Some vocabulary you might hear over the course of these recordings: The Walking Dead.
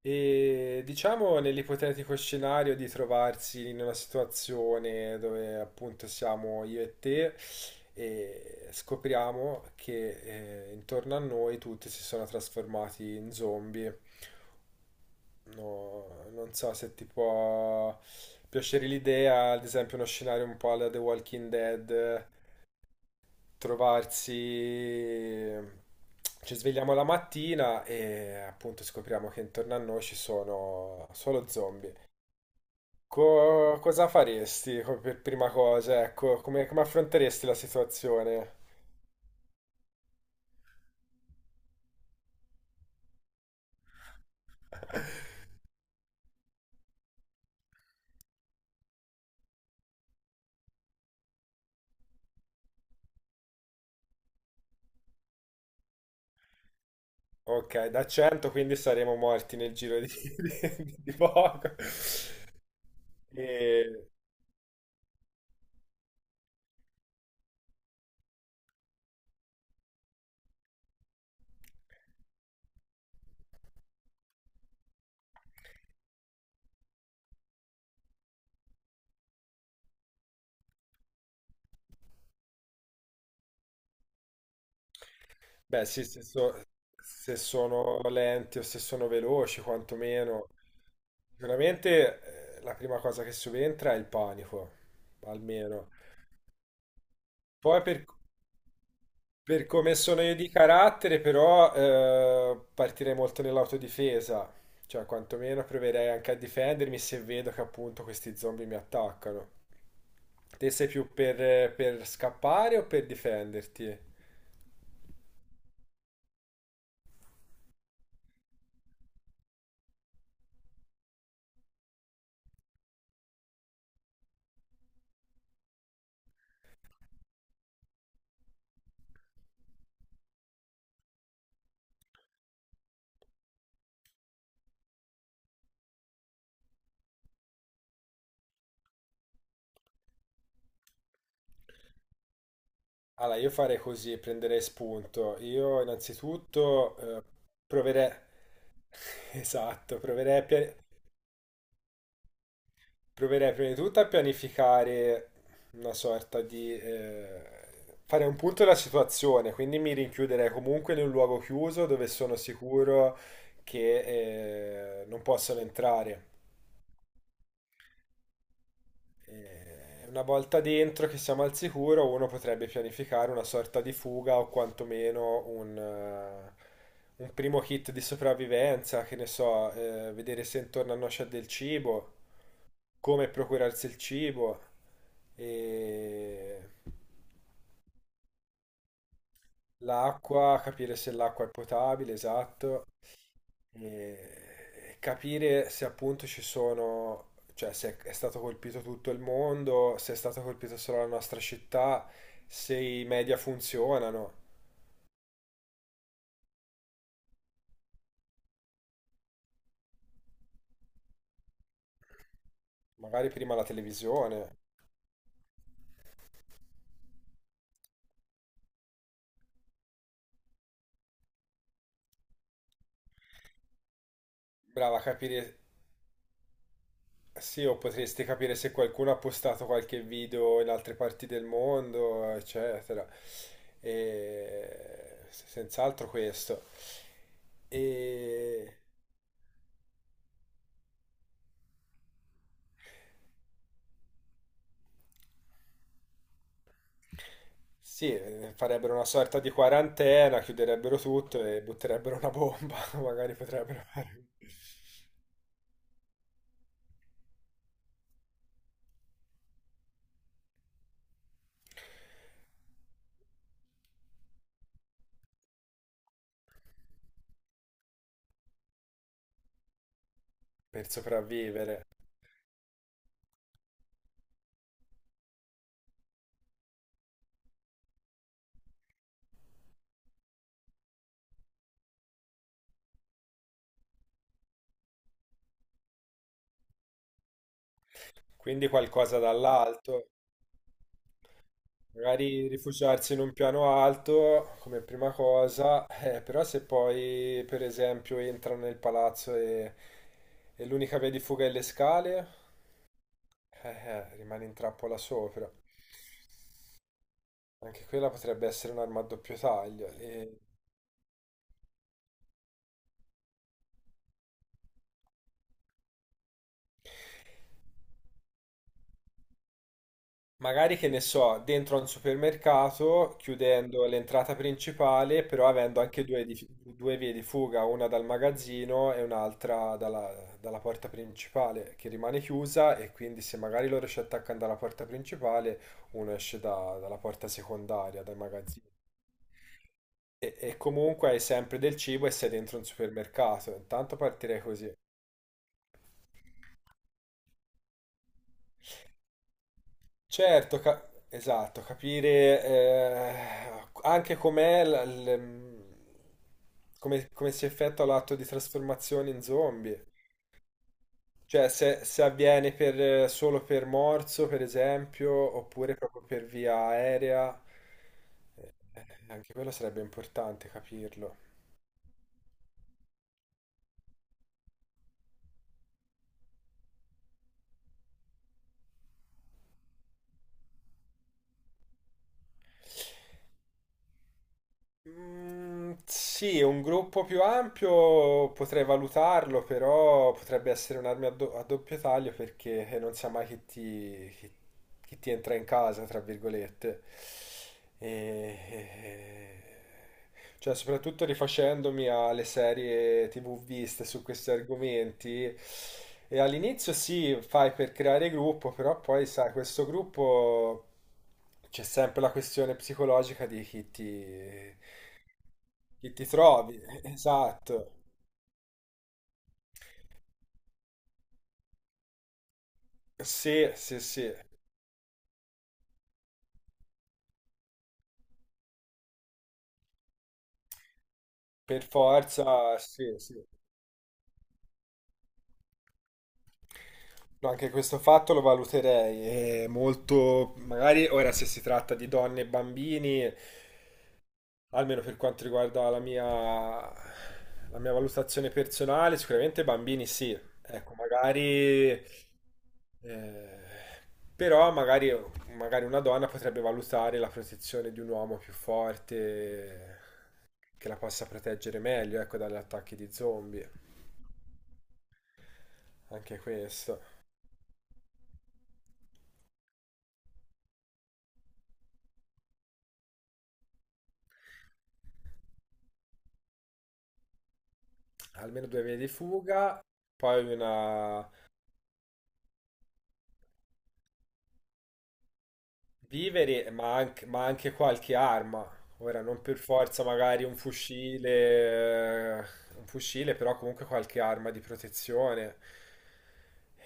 E diciamo nell'ipotetico scenario di trovarsi in una situazione dove appunto siamo io e te e scopriamo che intorno a noi tutti si sono trasformati in zombie. No, non so se ti può piacere l'idea, ad esempio uno scenario un po' alla The Walking Dead, trovarsi ci svegliamo la mattina e appunto scopriamo che intorno a noi ci sono solo zombie. Cosa faresti per prima cosa? Ecco, come, come affronteresti la situazione? Ok, da 100 quindi saremo morti nel giro di, di poco. E, Beh, sì, se sono lenti o se sono veloci, quantomeno. Sicuramente la prima cosa che subentra è il panico, almeno. Poi per, Per come sono io di carattere, però, partirei molto nell'autodifesa, cioè quantomeno proverei anche a difendermi se vedo che appunto questi zombie mi attaccano. Te sei più per scappare o per difenderti? Allora, io farei così, prenderei spunto. Io innanzitutto proverei... Esatto, Proverei prima di tutto a pianificare una sorta di... fare un punto della situazione, quindi mi rinchiuderei comunque in un luogo chiuso dove sono sicuro che non possono entrare. Una volta dentro che siamo al sicuro, uno potrebbe pianificare una sorta di fuga o quantomeno un primo kit di sopravvivenza, che ne so, vedere se intorno a noi c'è del cibo. Come procurarsi il cibo e l'acqua, capire se l'acqua è potabile, esatto, e capire se appunto ci sono, cioè se è stato colpito tutto il mondo, se è stato colpito solo la nostra città, se i media funzionano, magari prima la televisione, brava a capire. Sì, o potresti capire se qualcuno ha postato qualche video in altre parti del mondo, eccetera. Senz'altro questo. E... Sì, farebbero una sorta di quarantena, chiuderebbero tutto e butterebbero una bomba, magari potrebbero fare per sopravvivere. Quindi qualcosa dall'alto. Magari rifugiarsi in un piano alto come prima cosa, però se poi per esempio entrano nel palazzo e l'unica via di fuga è le scale, rimane in trappola sopra. Anche quella potrebbe essere un'arma a doppio taglio. E magari che ne so, dentro a un supermercato, chiudendo l'entrata principale, però avendo anche due vie di fuga, una dal magazzino e un'altra dalla, dalla porta principale, che rimane chiusa e quindi se magari loro ci attaccano dalla porta principale, uno esce dalla porta secondaria, dal magazzino. E comunque hai sempre del cibo e sei dentro un supermercato, intanto partirei così. Certo, esatto, capire anche com'è la- l- mm, come, come si effettua l'atto di trasformazione in zombie. Cioè, se avviene solo per morso, per esempio, oppure proprio per via aerea, eh, anche quello sarebbe importante capirlo. Mm, sì, un gruppo più ampio potrei valutarlo, però potrebbe essere a doppio taglio perché non sa mai chi che ti entra in casa, tra virgolette. E, e- cioè, soprattutto rifacendomi alle serie TV viste su questi argomenti. E all'inizio sì, fai per creare gruppo, però poi sai, questo gruppo c'è sempre la questione psicologica di chi ti trovi. Esatto. Sì, sì, sì. Per forza, sì, sì. No, anche questo fatto lo valuterei, è molto, magari ora se si tratta di donne e bambini, almeno per quanto riguarda la mia valutazione personale, sicuramente bambini sì, ecco, magari, eh, però magari, magari una donna potrebbe valutare la protezione di un uomo più forte che la possa proteggere meglio, ecco, dagli attacchi di zombie, anche questo. Almeno due vie di fuga, poi una. Viveri, ma anche qualche arma. Ora, non per forza magari un fucile, però comunque qualche arma di protezione.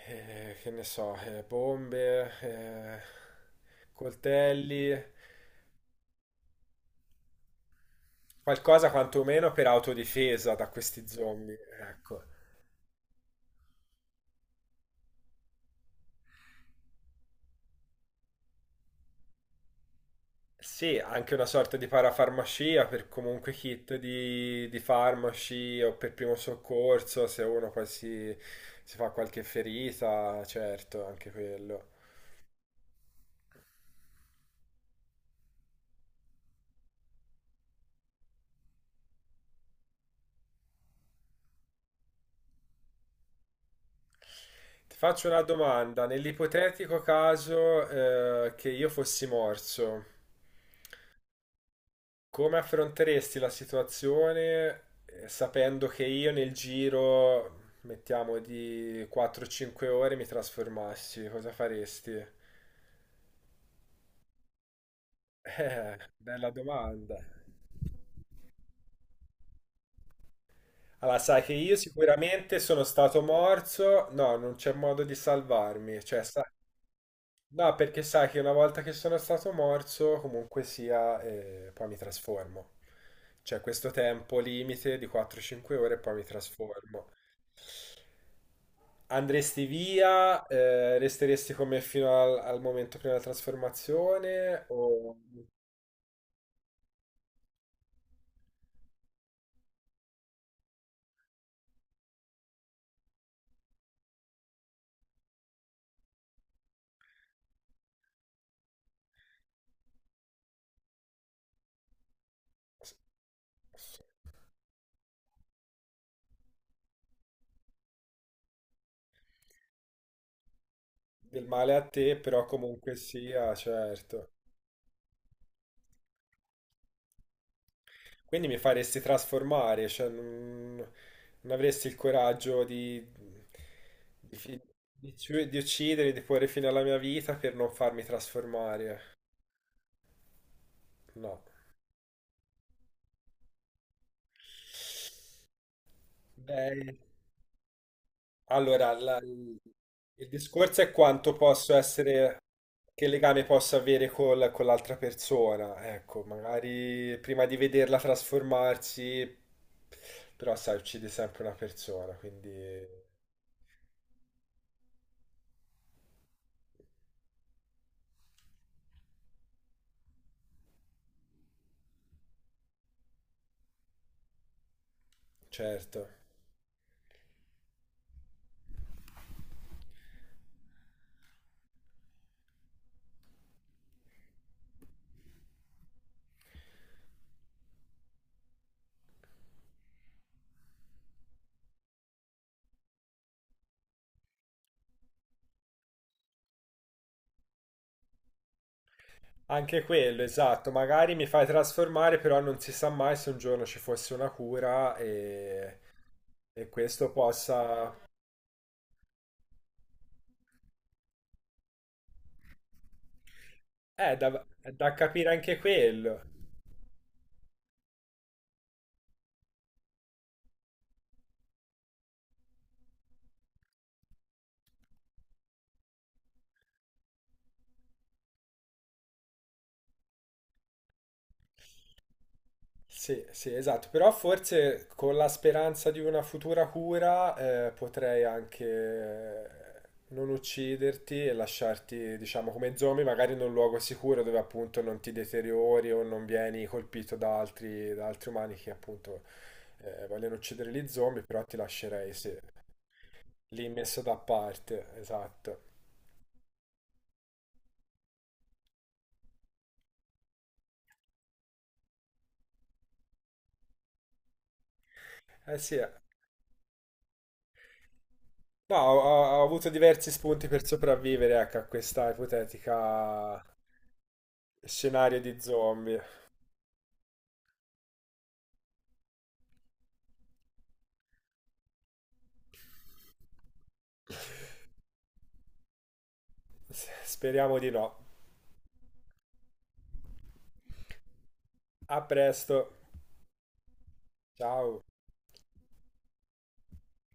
Che ne so, bombe, coltelli, qualcosa quantomeno per autodifesa da questi zombie, ecco. Sì, anche una sorta di parafarmacia per comunque kit di farmaci o per primo soccorso, se uno si fa qualche ferita, certo, anche quello. Ti faccio una domanda, nell'ipotetico caso, che io fossi morso, come affronteresti la situazione sapendo che io nel giro, mettiamo di 4-5 ore, mi trasformassi? Cosa faresti? Bella domanda. Allora, sai che io sicuramente sono stato morso, no, non c'è modo di salvarmi, no, perché sai che una volta che sono stato morso, comunque sia, poi mi trasformo. C'è questo tempo limite di 4-5 ore e poi mi trasformo. Andresti via, resteresti con me fino al momento prima della trasformazione o del male a te, però comunque sia, certo. Quindi mi faresti trasformare, cioè non avresti il coraggio di, fi- di uccidere, di porre fine alla mia vita per non farmi trasformare. No. Beh, allora, il discorso è quanto posso essere, che legame posso avere con l'altra persona. Ecco, magari prima di vederla trasformarsi, però sai, uccide sempre una persona, quindi certo. Anche quello, esatto, magari mi fai trasformare, però non si sa mai se un giorno ci fosse una cura e questo possa... Eh, da, da capire anche quello. Sì, sì, esatto, però forse con la speranza di una futura cura potrei anche non ucciderti e lasciarti, diciamo, come zombie, magari in un luogo sicuro dove appunto non ti deteriori o non vieni colpito da altri umani che appunto vogliono uccidere gli zombie, però ti lascerei, sì, lì messo da parte, esatto. Eh sì, eh. No, ho avuto diversi spunti per sopravvivere, ecco, a questa ipotetica scenario di zombie. Speriamo di no. A presto. Ciao.